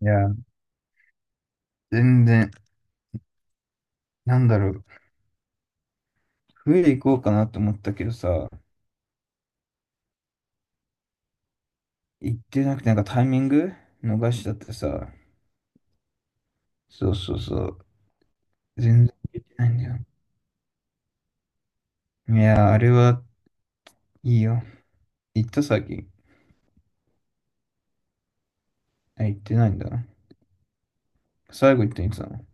いや、全然、なんだろう、冬行こうかなと思ったけどさ、行ってなくて、なんかタイミング逃しちゃってさ、そうそうそう、全然行ってないんだよ。いや、あれはいいよ。行った最近。あ、行ってないんだ。最後行ったのいつなの？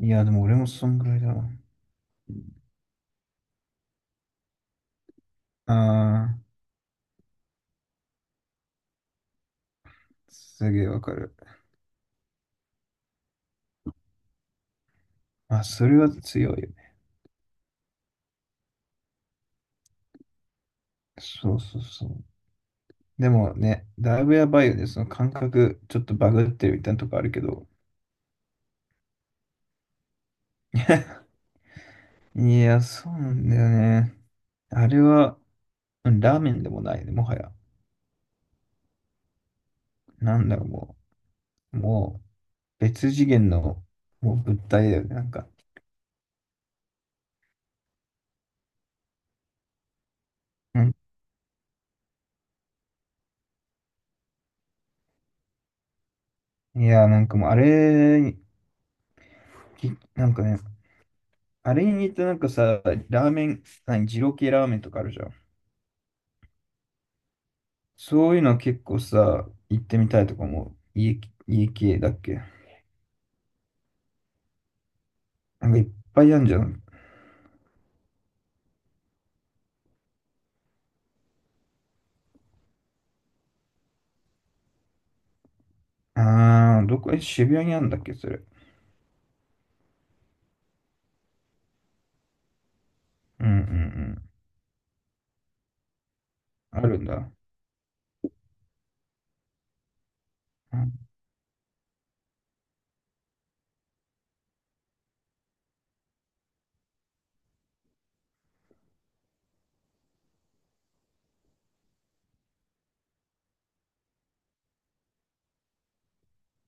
いや、でも俺もそんぐらいだわ。あー、すげえわかる。あ、それは強いよね。そうそうそう。でもね、だいぶやばいよね。その感覚、ちょっとバグってるみたいなとこあるけど。いや、そうなんだよね。あれは、うん、ラーメンでもないね、もはや。もう、もう、別次元の、もう物体だよね、なんか。うん、いや、なんかもう、あれに、きなんかね、あれに似たなんかさ、ラーメン、何、二郎系ラーメンとかあるじゃん。そういうの結構さ、行ってみたいとかも、家、家系だっけ？なんかいっぱいあるじゃん。あー、どこ、え、渋谷にあるんだっけ、それ。うんうんうん。あるんだ。うん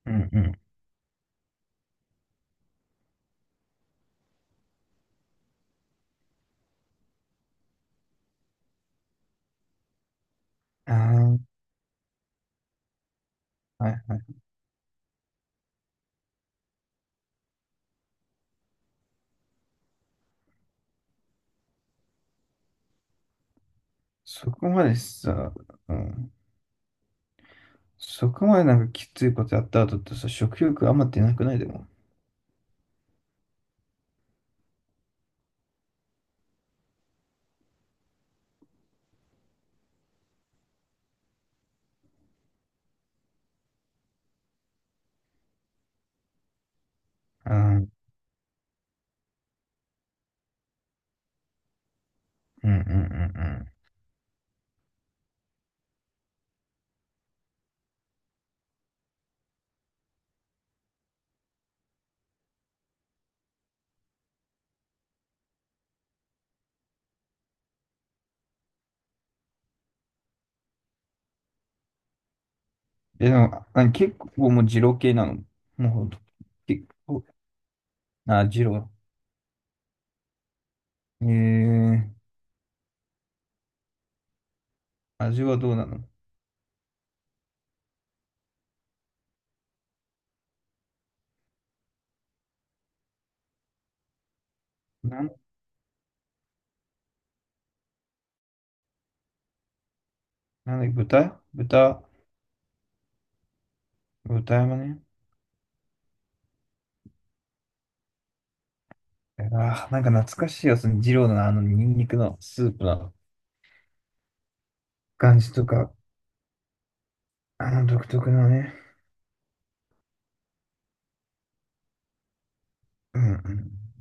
うんうん。あー、はいはい。そこまでさ、うん、そこまでなんかきついことやった後ってさ、食欲あんま出なくない？でも。うん。うんうんうんうん。え、でも、あ、結構もう二郎系なの？もうほんと。結構、あ、二郎。えー、味はどうなの？なん、なんだっけ、豚豚、豚山ね。あー、なんか懐かしいやつね、二郎のあのニンニクのスープの感じとか、あの独特のね。うんうん。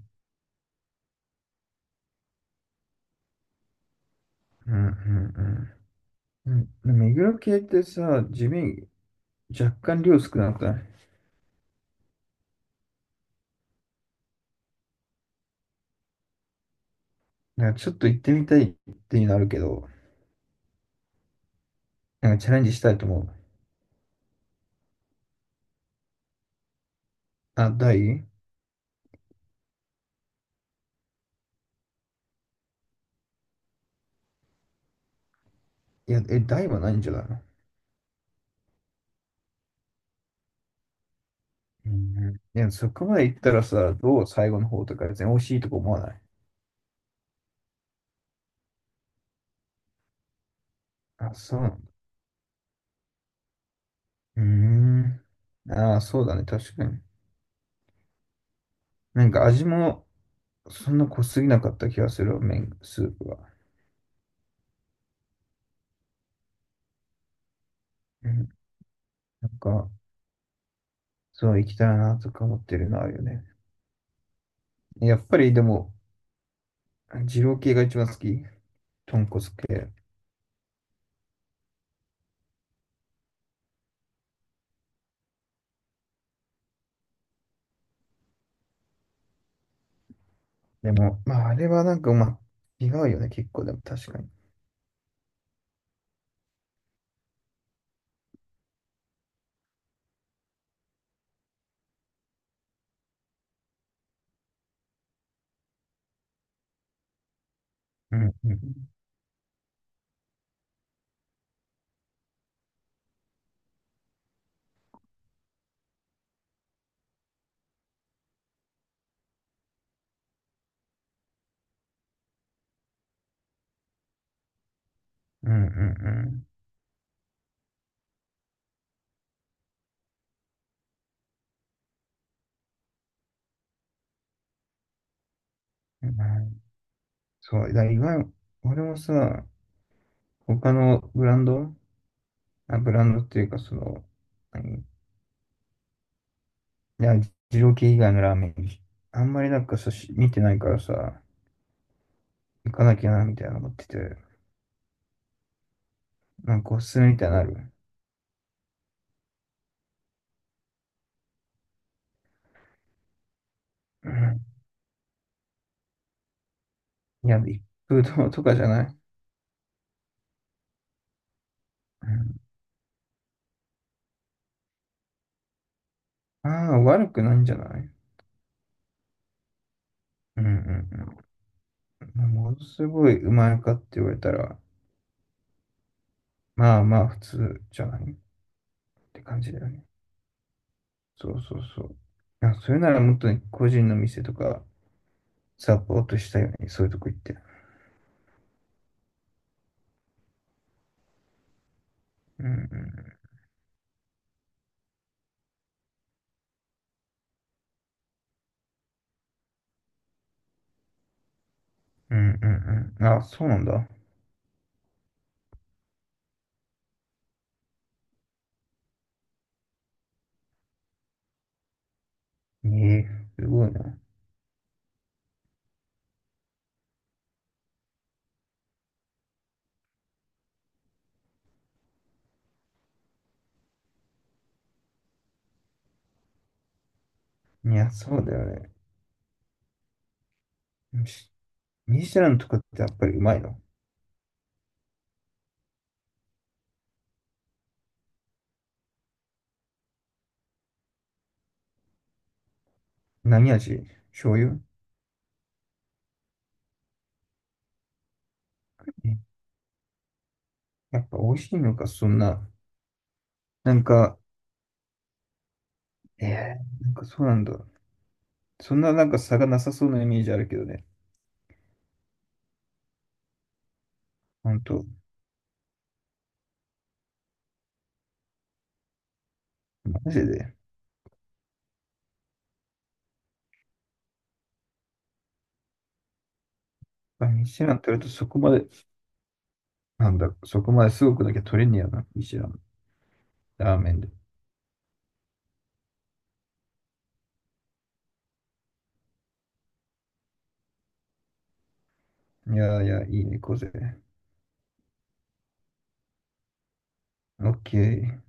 うんうんうん。うん、でも目黒系ってさ、地味、若干量少なくない？なんかちょっと行ってみたいっていうのあるけど、なんかチャレンジしたいと思う。あ、台、いや、え、台はないんじゃないの？うん。いや、そこまで行ったらさ、どう、最後の方とか別に美味しいとこ思わない？あ、そうなんだ。うーん。ああ、そうだね、確かに。なんか味もそんな濃すぎなかった気がするわ、麺、スープが。うん。なんか、そう行きたいなとか思ってるのあるよね。やっぱりでも、二郎系が一番好き。豚骨系。でも、まあ、あれはなんか、まあ、違うよね、結構、でも確かに。うん、うん、うん、うん、うん。はい、そう、だから今、俺もさ、他のブランド、あ、ブランドっていうか、その、何、いや、二郎系以外のラーメン、あんまりなんかさ、し、見てないからさ、行かなきゃな、みたいな思ってて、なんかおすすめみたいなのある？うん、いや、一風堂とかじゃない？ああー、悪くないんじゃない？うんうんうん。ものすごいうまいかって言われたら、まあまあ、普通じゃないって感じだよね。そうそうそう。いや、それならもっとね、個人の店とかサポートしたいよね。そういうとこ行って。うんうん。うんうんうん。あ、そうなんだ。ええ、すごいな。いや、そうだよね。し、ミシュランとかってやっぱりうまいの？何味？醤油？え、やっぱ美味しいのか、そんな。なんか、ええ、なんかそうなんだ。そんななんか差がなさそうなイメージあるけどね。ほんと、マジで。あ、ミシュラン取るとそこまで、なんだ、そこまですごくだけ取れんねやな、一蘭。ラーメンで。いやいや、いいね、こぜ。オッケー。